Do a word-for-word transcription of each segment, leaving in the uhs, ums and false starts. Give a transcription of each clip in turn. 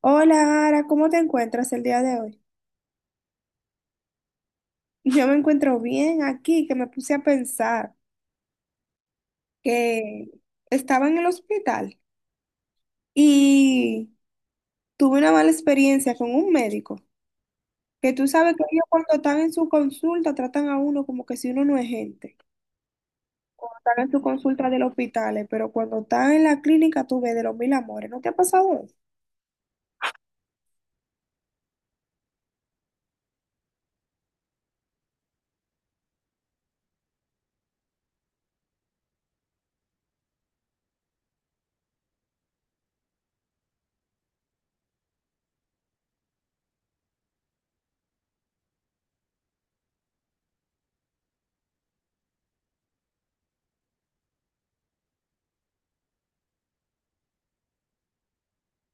Hola, Ara, ¿cómo te encuentras el día de hoy? Yo me encuentro bien aquí, que me puse a pensar que estaba en el hospital y tuve una mala experiencia con un médico, que tú sabes que ellos cuando están en su consulta tratan a uno como que si uno no es gente, cuando están en su consulta del hospital, eh, pero cuando están en la clínica tú ves de los mil amores. ¿No te ha pasado eso?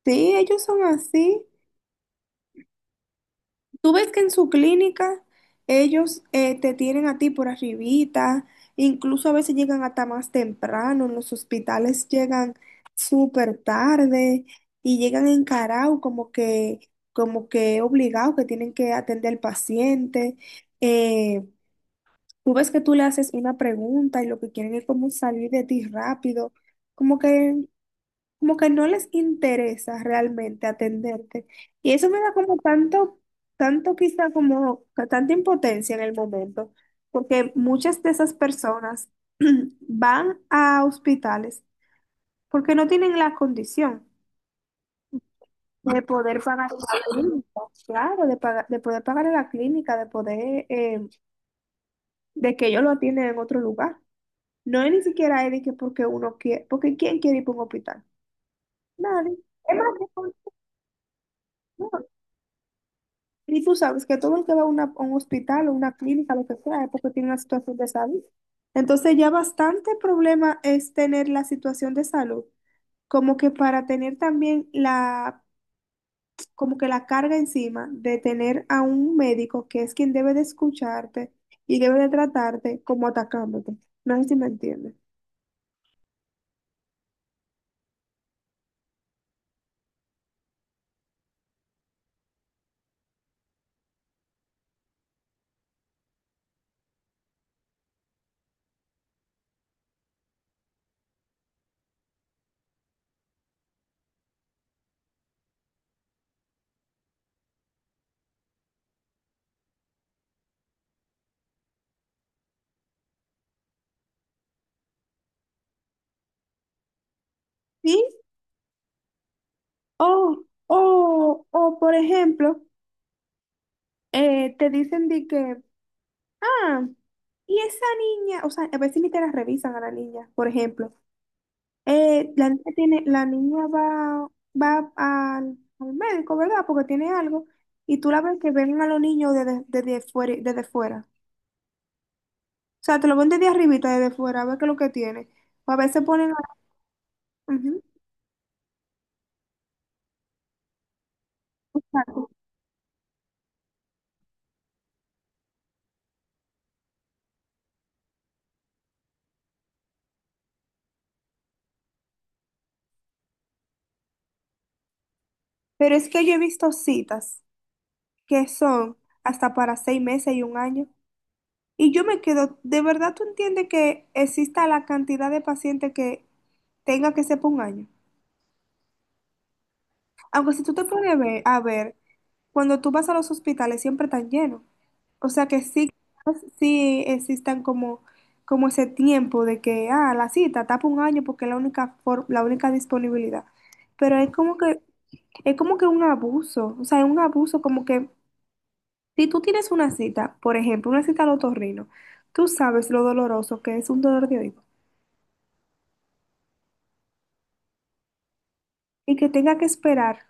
Sí, ellos son así. Tú ves que en su clínica ellos, eh, te tienen a ti por arribita, incluso a veces llegan hasta más temprano. En los hospitales llegan súper tarde y llegan encarados como que, como que obligados que tienen que atender al paciente. Eh, Tú ves que tú le haces una pregunta y lo que quieren es como salir de ti rápido, como que como que no les interesa realmente atenderte. Y eso me da como tanto, tanto, quizá como que tanta impotencia en el momento, porque muchas de esas personas van a hospitales porque no tienen la condición de poder pagar, claro, de pagar, de poder pagar en la clínica, de poder, eh, de que ellos lo atienden en otro lugar. No es ni siquiera es de que porque uno quiere, porque ¿quién quiere ir para un hospital? Nadie. Es más, Y tú sabes que todo el que va a, una- a un hospital o una clínica, lo que sea, es porque tiene una situación de salud. Entonces ya bastante problema es tener la situación de salud, como que para tener también la, como que la carga encima de tener a un médico que es quien debe de escucharte y debe de tratarte como atacándote. No sé si me entiendes. Sí, o, o, o por ejemplo, eh, te dicen de que, Ah, y esa niña, o sea, a veces ni te la revisan a la niña, por ejemplo. Eh, la niña tiene, la niña va, va al, al médico, ¿verdad? Porque tiene algo. Y tú la ves, que ven a los niños desde, desde fuera, desde fuera. O sea, te lo ven desde arribita, desde fuera, a ver qué es lo que tiene. O a veces ponen a- Ujú, exacto. Pero es que yo he visto citas que son hasta para seis meses y un año. Y yo me quedo, ¿de verdad tú entiendes que exista la cantidad de pacientes que tenga que ser por un año? Aunque si tú te puedes ver, a ver, cuando tú vas a los hospitales siempre están llenos. O sea que sí, sí existan como, como ese tiempo de que, ah, la cita tapa un año porque es la única, for- la única disponibilidad. Pero es como que, es como que un abuso, o sea, es un abuso como que si tú tienes una cita, por ejemplo, una cita al otorrino, tú sabes lo doloroso que es un dolor de oído y que tenga que esperar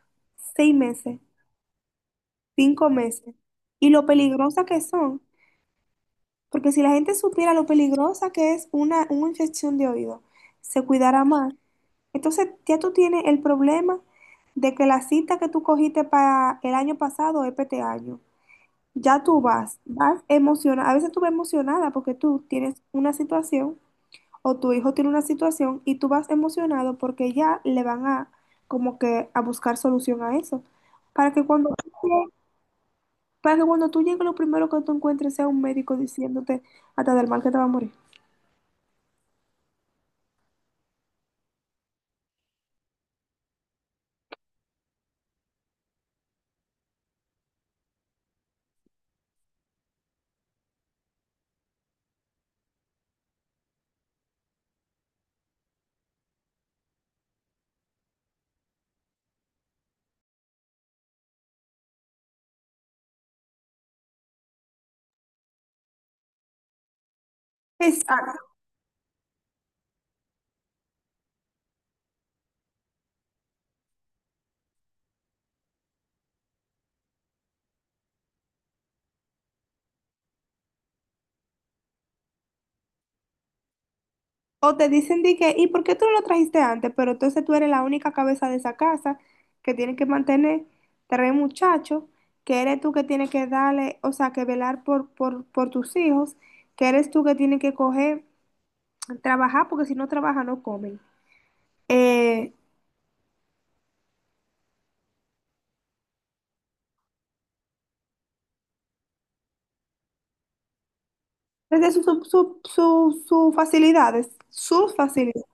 seis meses. Cinco meses. Y lo peligrosa que son. Porque si la gente supiera lo peligrosa que es una, una infección de oído, se cuidará más. Entonces ya tú tienes el problema de que la cita que tú cogiste para el año pasado es para este año. Ya tú vas, vas emocionada. A veces tú vas emocionada porque tú tienes una situación o tu hijo tiene una situación, y tú vas emocionado porque ya le van a, como que, a buscar solución a eso. Para que cuando tú para que cuando tú llegues, lo primero que tú encuentres sea un médico diciéndote hasta del mal que te va a morir. Exacto. O te dicen de que, ¿y por qué tú no lo trajiste antes? Pero entonces tú eres la única cabeza de esa casa que tiene que mantener tres muchachos, que eres tú que tienes que darle, o sea, que velar por, por, por tus hijos, que eres tú que tienes que coger, trabajar, porque si no trabaja no comen. Eh, Desde sus sus- sus- sus facilidades, sus facilidades.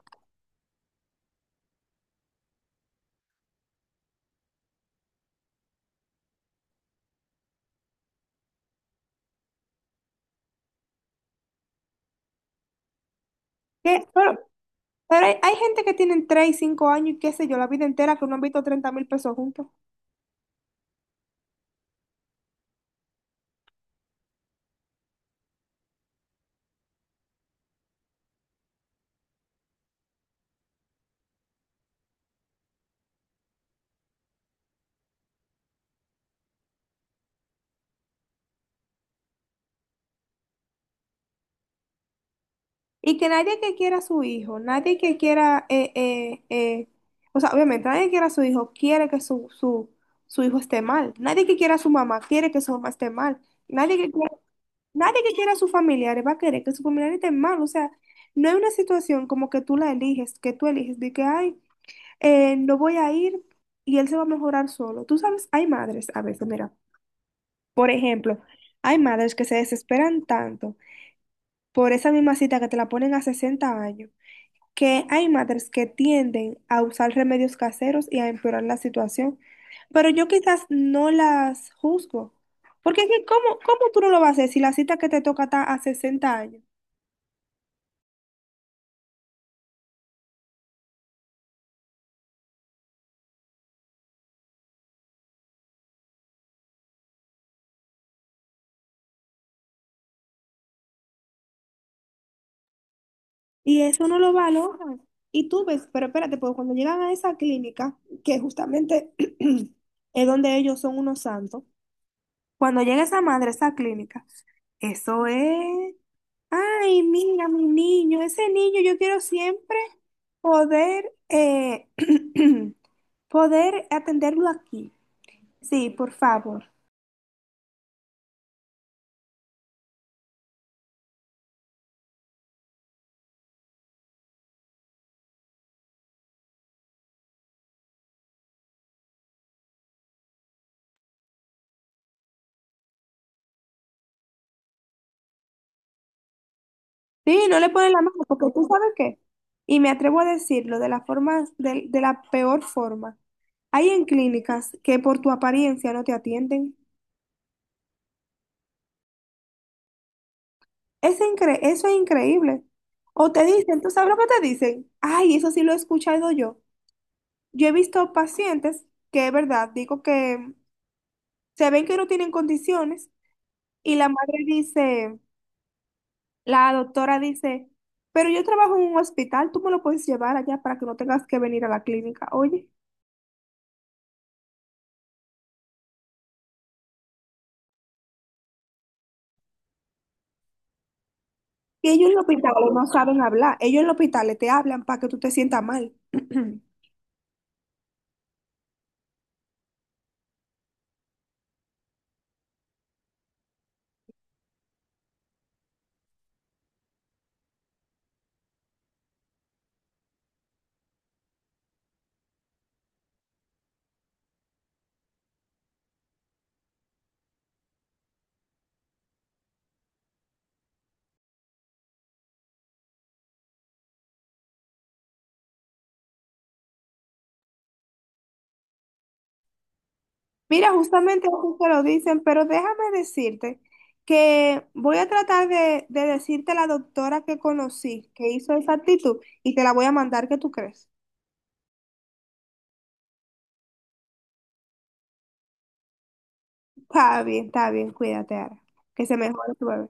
Que, pero, Pero hay, hay gente que tienen tres cinco años y qué sé yo, la vida entera que no han visto treinta mil pesos juntos. Y que nadie que quiera a su hijo, nadie que quiera, eh, eh, eh, o sea, obviamente nadie que quiera a su hijo quiere que su, su, su hijo esté mal. Nadie que quiera a su mamá quiere que su mamá esté mal. Nadie que quiera, nadie que quiera a sus familiares va a querer que sus familiares estén mal. O sea, no hay una situación como que tú la eliges, que tú eliges de que, ay, eh, no voy a ir y él se va a mejorar solo. Tú sabes, hay madres a veces, mira, por ejemplo, hay madres que se desesperan tanto por esa misma cita que te la ponen a sesenta años, que hay madres que tienden a usar remedios caseros y a empeorar la situación. Pero yo quizás no las juzgo, porque es que ¿cómo, cómo tú no lo vas a hacer si la cita que te toca está a sesenta años. Y eso no lo valoran. Y tú ves, pero espérate, porque cuando llegan a esa clínica, que justamente es donde ellos son unos santos, cuando llega esa madre a esa clínica, eso es, ay, mira, mi niño, ese niño, yo quiero siempre poder, eh, poder atenderlo aquí. Sí, por favor. Sí, no le ponen la mano, porque tú sabes qué. Y me atrevo a decirlo de la forma, de de la peor forma. Hay en clínicas que por tu apariencia no te atienden. Es incre- eso es increíble. O te dicen, ¿tú sabes lo que te dicen? Ay, eso sí lo he escuchado yo. Yo he visto pacientes que, es verdad, digo que se ven que no tienen condiciones, y la madre dice, la doctora dice, pero yo trabajo en un hospital, tú me lo puedes llevar allá para que no tengas que venir a la clínica. Oye, y ellos en los hospitales no saben hablar, ellos en los hospitales te hablan para que tú te sientas mal. Mira, justamente así te lo dicen, pero déjame decirte que voy a tratar de, de decirte la doctora que conocí, que hizo esa actitud, y te la voy a mandar. ¿Qué tú crees? Está bien, está bien, cuídate, Ara, que se mejore tu bebé.